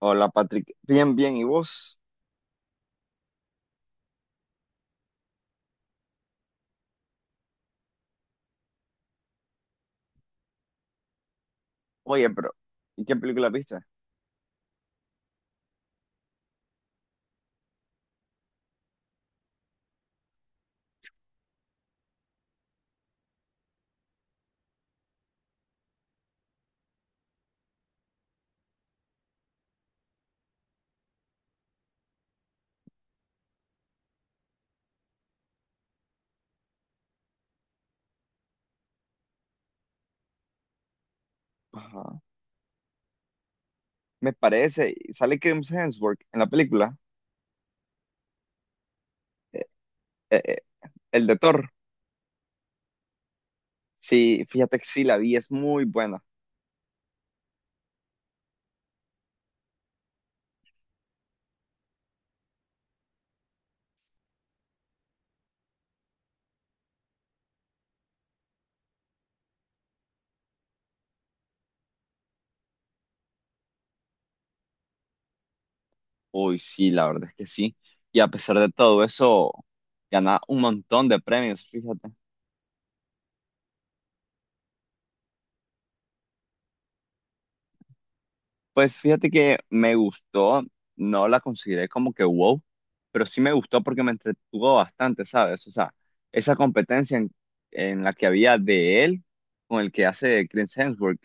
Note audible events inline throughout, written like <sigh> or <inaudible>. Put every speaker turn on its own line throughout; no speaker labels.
Hola Patrick, bien, ¿y vos? Oye, pero, ¿y qué película viste? Ajá. Me parece, sale Chris Hemsworth en la película, eh, eh, el de Thor. Sí, fíjate que sí, la vi, es muy buena. Uy, sí, la verdad es que sí. Y a pesar de todo eso, gana un montón de premios, fíjate. Pues fíjate que me gustó, no la consideré como que wow, pero sí me gustó porque me entretuvo bastante, ¿sabes? O sea, esa competencia en la que había de él con el que hace Chris Hemsworth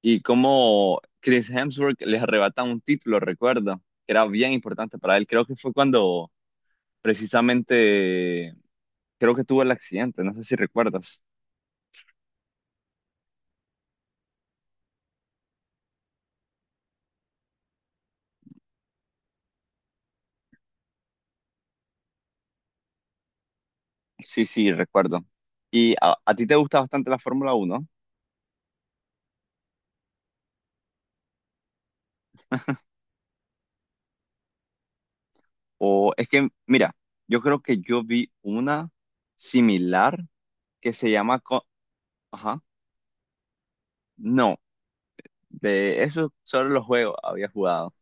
y cómo Chris Hemsworth les arrebata un título, recuerdo, que era bien importante para él. Creo que fue cuando precisamente, creo que tuvo el accidente, no sé si recuerdas. Sí, recuerdo. ¿Y a ti te gusta bastante la Fórmula Uno? O es que, mira, yo creo que yo vi una similar que se llama... Ajá. No, de eso sobre los juegos había jugado.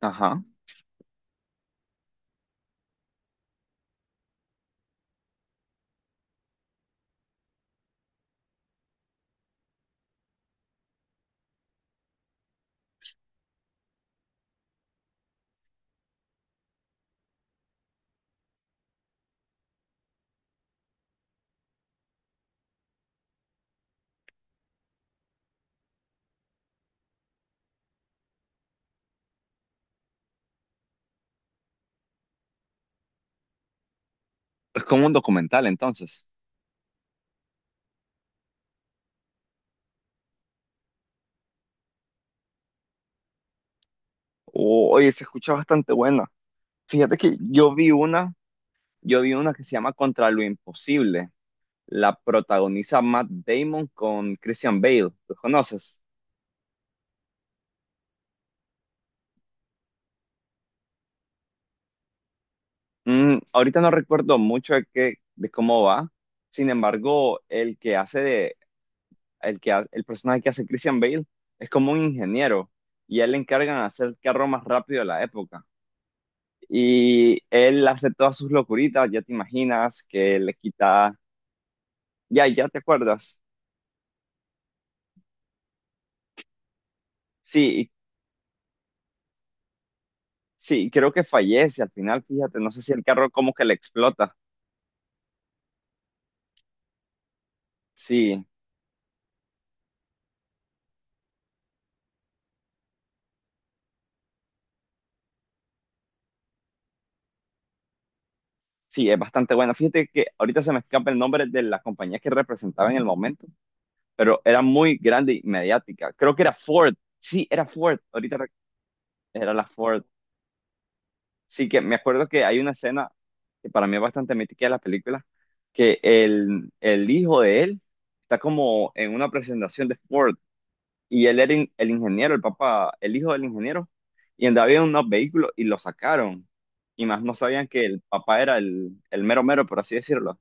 Ajá. ¿Es como un documental entonces? Oye, se escucha bastante buena. Fíjate que yo vi una, Yo vi una que se llama Contra lo Imposible. La protagoniza Matt Damon con Christian Bale. ¿Los conoces? Mm, ahorita no recuerdo mucho de qué, de cómo va. Sin embargo, el que hace de el, que, ha- el personaje que hace Christian Bale es como un ingeniero y a él le encargan de hacer el carro más rápido de la época. Y él hace todas sus locuritas, ya te imaginas que le quita, ya te acuerdas. Sí, y- sí, creo que fallece al final, fíjate, no sé si el carro como que le explota. Sí, sí, es bastante bueno. Fíjate que ahorita se me escapa el nombre de la compañía que representaba en el momento, pero era muy grande y mediática. Creo que era Ford. Sí, era Ford. Era la Ford. Sí, que me acuerdo que hay una escena que para mí es bastante mítica de la película, que el hijo de él está como en una presentación de Ford y él era el ingeniero, el papá, el hijo del ingeniero, y andaba en unos vehículos y lo sacaron. Y más no sabían que el papá era el mero mero, por así decirlo.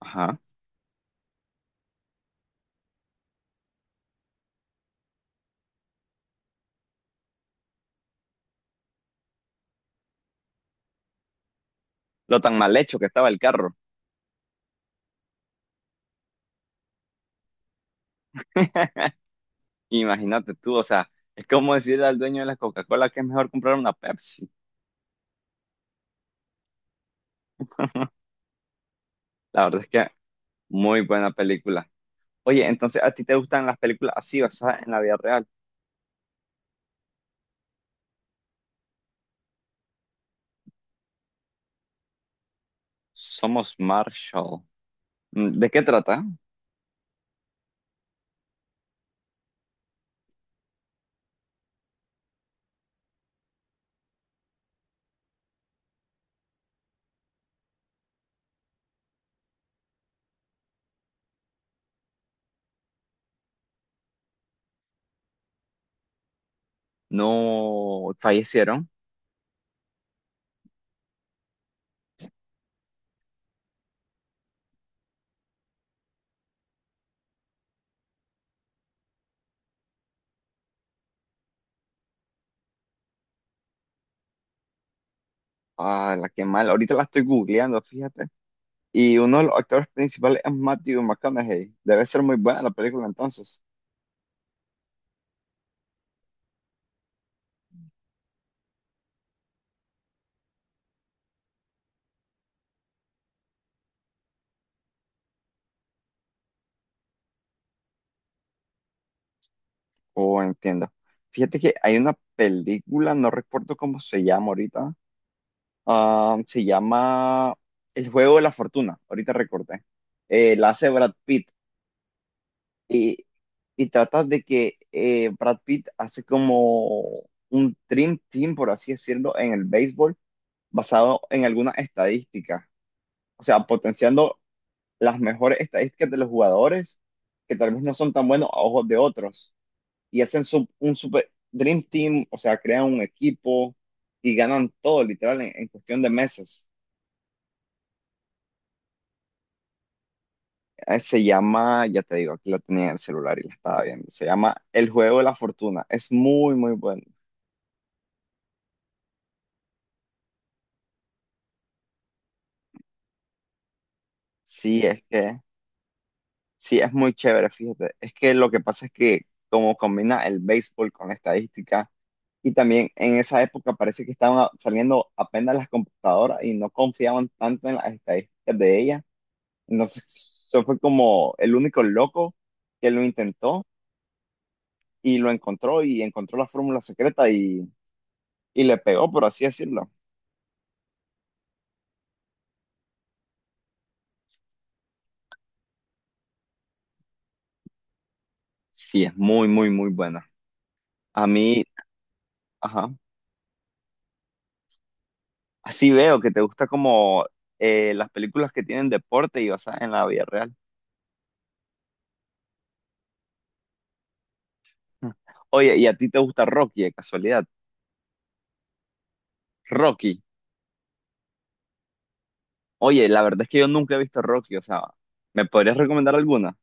Ajá. Lo tan mal hecho que estaba el carro. <laughs> Imagínate tú, o sea, es como decirle al dueño de la Coca-Cola que es mejor comprar una Pepsi. La verdad es que muy buena película. Oye, entonces a ti te gustan las películas así basadas en la vida real. Somos Marshall. Mm, ¿de qué trata? No fallecieron. Ah, la que mal. Ahorita la estoy googleando, fíjate. Y uno de los actores principales es Matthew McConaughey. Debe ser muy buena la película entonces. Oh, entiendo. Fíjate que hay una película, no recuerdo cómo se llama ahorita. Ah, se llama El juego de la fortuna. Ahorita recordé. La hace Brad Pitt. Y, y trata de que Brad Pitt hace como un dream team, por así decirlo, en el béisbol, basado en algunas estadísticas. O sea, potenciando las mejores estadísticas de los jugadores, que tal vez no son tan buenos a ojos de otros. Y hacen un super dream team, o sea, crean un equipo y ganan todo, literal, en cuestión de meses. Se llama, ya te digo, aquí la tenía en el celular y la estaba viendo. Se llama El Juego de la Fortuna. Es muy, muy bueno. Sí, es que sí, es muy chévere, fíjate. Es que lo que pasa es que como combina el béisbol con la estadística y también en esa época parece que estaban saliendo apenas las computadoras y no confiaban tanto en las estadísticas de ellas. Entonces, eso fue como el único loco que lo intentó y lo encontró y encontró la fórmula secreta y le pegó, por así decirlo. Sí, es muy, muy, muy buena. A mí, ajá. Así veo que te gusta como las películas que tienen deporte y basadas en la vida real. <laughs> Oye, ¿y a ti te gusta Rocky de casualidad? Rocky. Oye, la verdad es que yo nunca he visto Rocky, o sea, ¿me podrías recomendar alguna?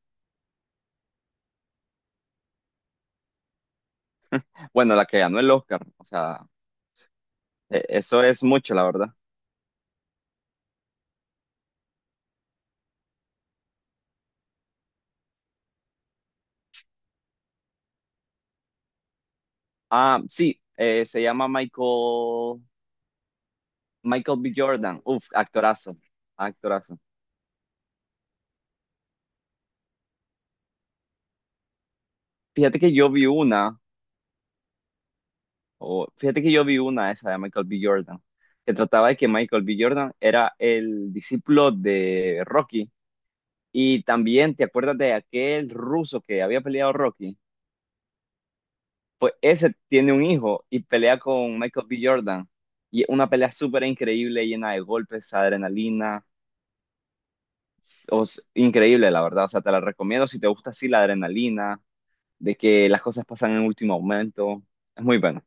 Bueno, la que ganó el Oscar, o sea, eso es mucho, la verdad. Ah, sí, se llama Michael, Michael B. Jordan. Uf, actorazo, actorazo. Fíjate que yo vi una O, fíjate que yo vi una esa de Michael B. Jordan, que trataba de que Michael B. Jordan era el discípulo de Rocky. Y también, ¿te acuerdas de aquel ruso que había peleado Rocky? Pues ese tiene un hijo y pelea con Michael B. Jordan. Y una pelea súper increíble, llena de golpes, adrenalina. Increíble, la verdad. O sea, te la recomiendo si te gusta así la adrenalina, de que las cosas pasan en último momento. Es muy bueno.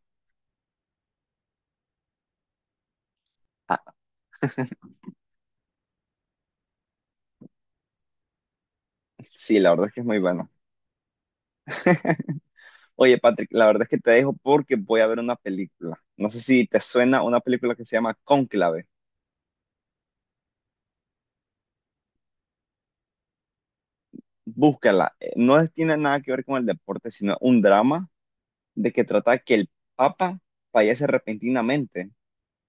Ah, sí, la verdad es que es muy bueno. Oye, Patrick, la verdad es que te dejo porque voy a ver una película. No sé si te suena una película que se llama Cónclave. Búscala. No tiene nada que ver con el deporte, sino un drama de que trata que el Papa fallece repentinamente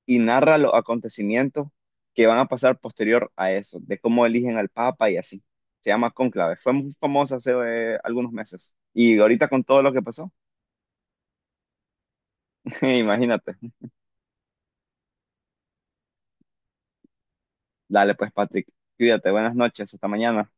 y narra los acontecimientos que van a pasar posterior a eso, de cómo eligen al Papa y así. Se llama Cónclave. Fue muy famosa hace algunos meses. Y ahorita con todo lo que pasó, <laughs> imagínate. Dale pues, Patrick, cuídate. Buenas noches. Hasta mañana.